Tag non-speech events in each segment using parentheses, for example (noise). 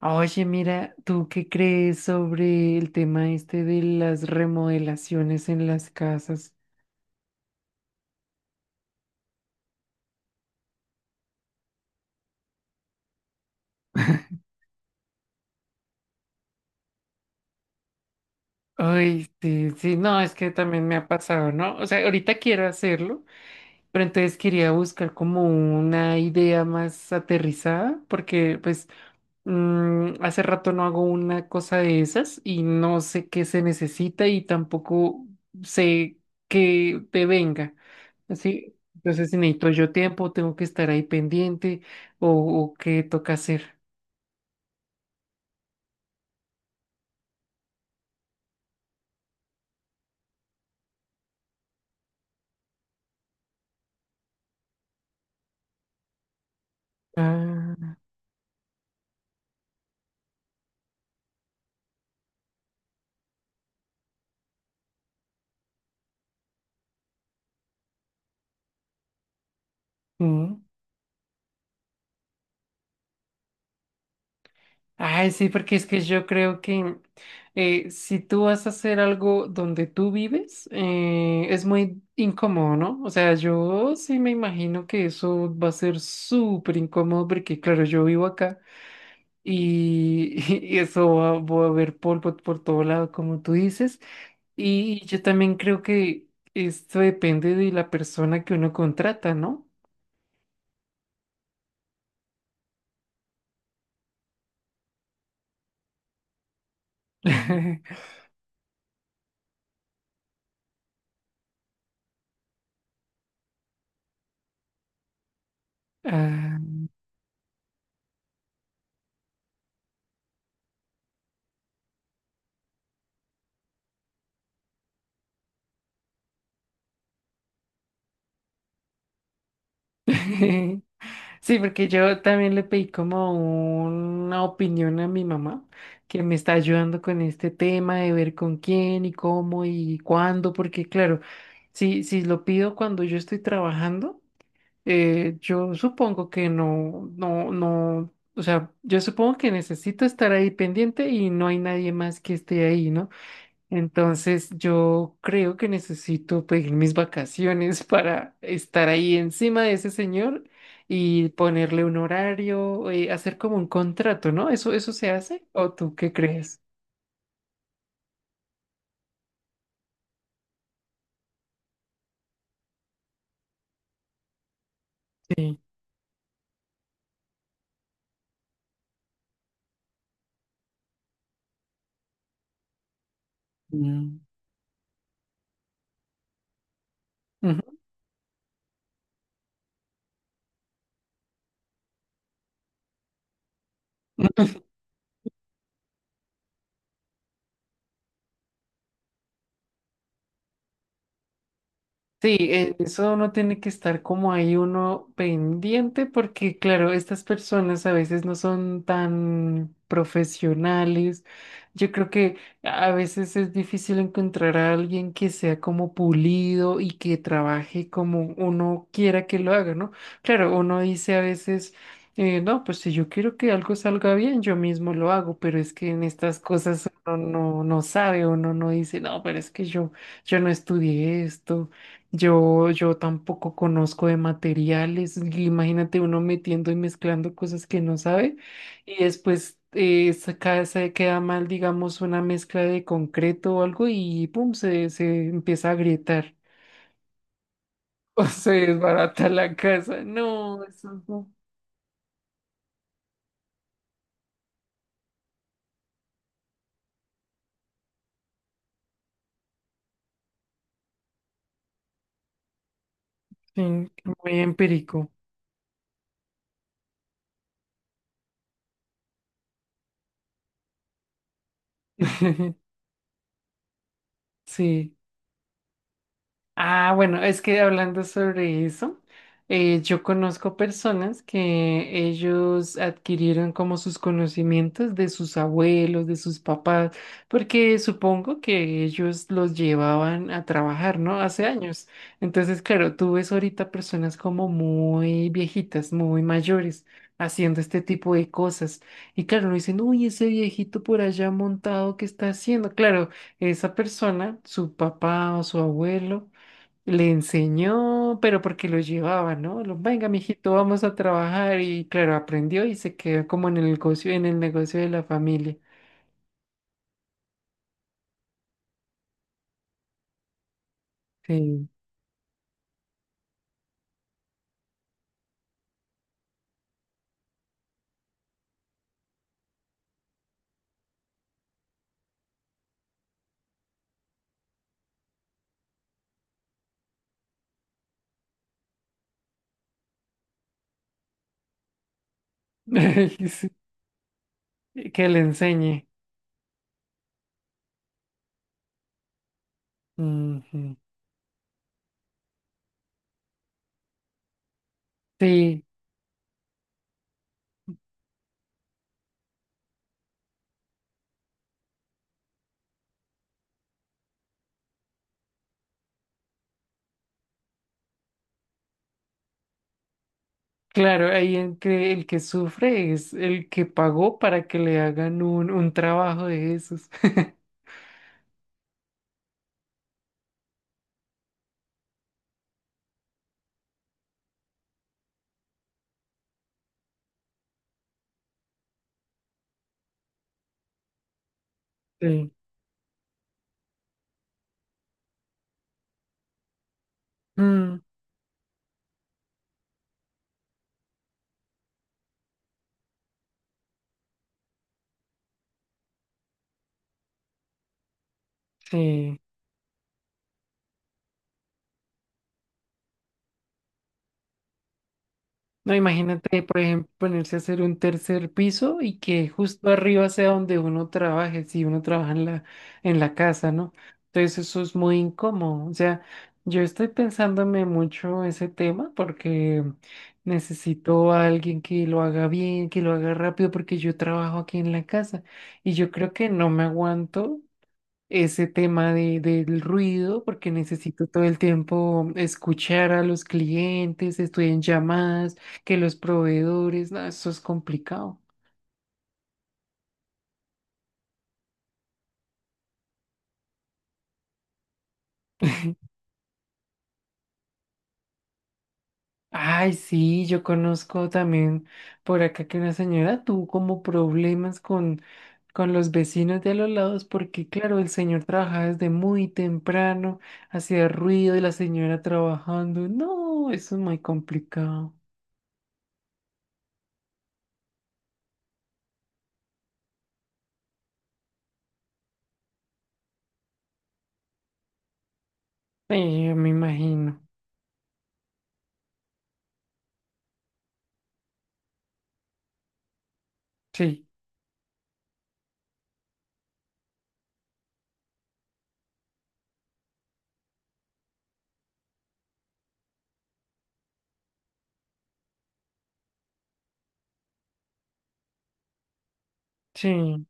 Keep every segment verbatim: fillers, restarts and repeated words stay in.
Oye, mira, ¿tú qué crees sobre el tema este de las remodelaciones en las casas? Ay, sí, sí, no, es que también me ha pasado, ¿no? O sea, ahorita quiero hacerlo, pero entonces quería buscar como una idea más aterrizada, porque pues mm, hace rato no hago una cosa de esas y no sé qué se necesita y tampoco sé qué te venga. Sí, entonces si necesito yo tiempo, tengo que estar ahí pendiente o, o qué toca hacer. Ah, mm. Ay, sí, porque es que yo creo que eh, si tú vas a hacer algo donde tú vives, eh, es muy incómodo, ¿no? O sea, yo sí me imagino que eso va a ser súper incómodo porque, claro, yo vivo acá y, (laughs) y eso va, va a haber polvo por todo lado, como tú dices. Y yo también creo que esto depende de la persona que uno contrata, ¿no? (laughs) Ah, (laughs) Sí, porque yo también le pedí como una opinión a mi mamá, que me está ayudando con este tema de ver con quién y cómo y cuándo, porque claro, si, si lo pido cuando yo estoy trabajando, eh, yo supongo que no, no, no, o sea, yo supongo que necesito estar ahí pendiente y no hay nadie más que esté ahí, ¿no? Entonces yo creo que necesito pedir mis vacaciones para estar ahí encima de ese señor y ponerle un horario, eh, hacer como un contrato, ¿no? ¿Eso, eso se hace? ¿O tú qué crees? Sí. Mm. Ujú. Sí, eh, eso uno tiene que estar como ahí uno pendiente porque claro, estas personas a veces no son tan profesionales. Yo creo que a veces es difícil encontrar a alguien que sea como pulido y que trabaje como uno quiera que lo haga, ¿no? Claro, uno dice a veces, eh, no, pues si yo quiero que algo salga bien, yo mismo lo hago, pero es que en estas cosas uno no, no sabe, uno no dice, no, pero es que yo, yo no estudié esto. Yo, yo tampoco conozco de materiales. Imagínate uno metiendo y mezclando cosas que no sabe y después eh, saca- se queda mal, digamos, una mezcla de concreto o algo y pum, se, se empieza a agrietar (laughs) o se desbarata la casa. No, eso es un- sí, muy empírico. (laughs) Sí. Ah, bueno, es que hablando sobre eso, eh, yo conozco personas que ellos adquirieron como sus conocimientos de sus abuelos, de sus papás, porque supongo que ellos los llevaban a trabajar, ¿no? Hace años. Entonces, claro, tú ves ahorita personas como muy viejitas, muy mayores, haciendo este tipo de cosas. Y claro, no dicen, uy, ese viejito por allá montado, ¿qué está haciendo? Claro, esa persona, su papá o su abuelo le enseñó, pero porque lo llevaba, ¿no? Lo, venga, mijito, vamos a trabajar. Y claro, aprendió y se quedó como en el negocio, en el negocio de la familia. Sí. (laughs) Sí, que le enseñe. Ujú. Sí, claro, ahí en que el que sufre es el que pagó para que le hagan un, un trabajo de esos. (laughs) Sí. Mm, sí. No, imagínate, por ejemplo, ponerse a hacer un tercer piso y que justo arriba sea donde uno trabaje, si uno trabaja en la, en la, casa, ¿no? Entonces eso es muy incómodo. O sea, yo estoy pensándome mucho ese tema porque necesito a alguien que lo haga bien, que lo haga rápido, porque yo trabajo aquí en la casa y yo creo que no me aguanto ese tema de, del ruido, porque necesito todo el tiempo escuchar a los clientes, estoy en llamadas, que los proveedores, no, eso es complicado. Ay, sí, yo conozco también por acá que una señora tuvo como problemas con, con los vecinos de a los lados, porque claro, el señor trabajaba desde muy temprano, hacía ruido y la señora trabajando. No, eso es muy complicado. Sí, yo me imagino. Sí, sí,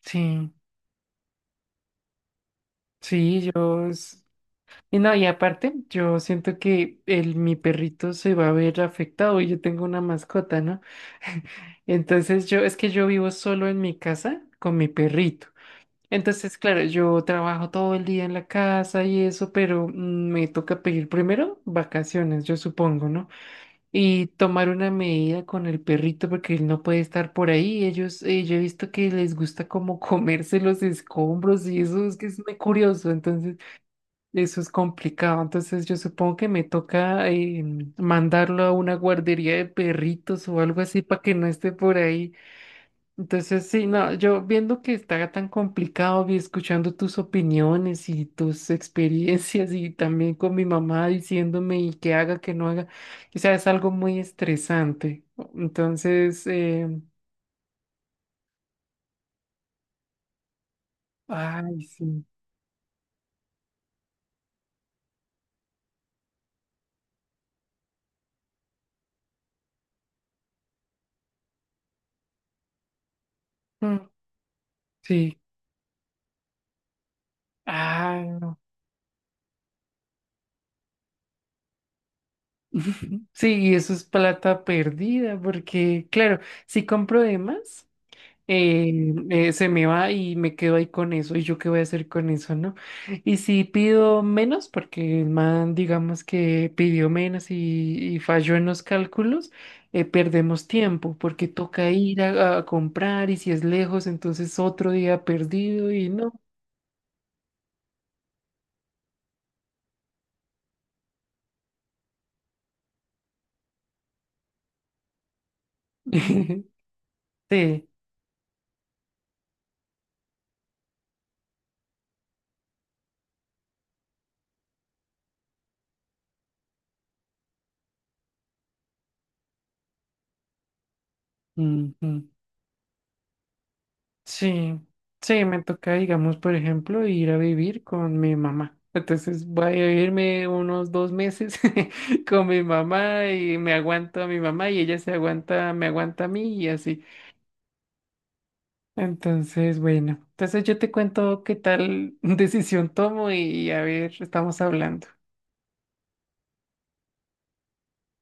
sí. Sí, yo... es- Y no, y aparte, yo siento que el, mi perrito se va a ver afectado y yo tengo una mascota, ¿no? (laughs) Entonces yo, es que yo vivo solo en mi casa con mi perrito. Entonces, claro, yo trabajo todo el día en la casa y eso, pero mm, me toca pedir primero vacaciones, yo supongo, ¿no? Y tomar una medida con el perrito porque él no puede estar por ahí. Ellos, eh, yo he visto que les gusta como (laughs) comerse los escombros y eso es que es muy curioso. Entonces... Eso es complicado, entonces yo supongo que me toca eh, mandarlo a una guardería de perritos o algo así para que no esté por ahí. Entonces, sí, no, yo viendo que está tan complicado y escuchando tus opiniones y tus experiencias y también con mi mamá diciéndome y que haga, que no haga, o sea, es algo muy estresante. Entonces, eh, ay, sí, mm, sí, ah, (laughs) sí, y eso es plata perdida, porque claro, si compro de más, eh, eh, se me va y me quedo ahí con eso, y yo qué voy a hacer con eso, ¿no? Y si pido menos, porque el man, digamos que pidió menos y, y falló en los cálculos, eh, perdemos tiempo, porque toca ir a, a, comprar, y si es lejos, entonces otro día perdido y no. (laughs) Sí. Ujú. Sí, sí, me toca, digamos, por ejemplo, ir a vivir con mi mamá. Entonces voy a vivirme unos dos meses (laughs) con mi mamá y me aguanto a mi mamá y ella se aguanta, me aguanta a mí y así. Entonces, bueno, entonces yo te cuento qué tal (laughs) decisión tomo y a ver, estamos hablando.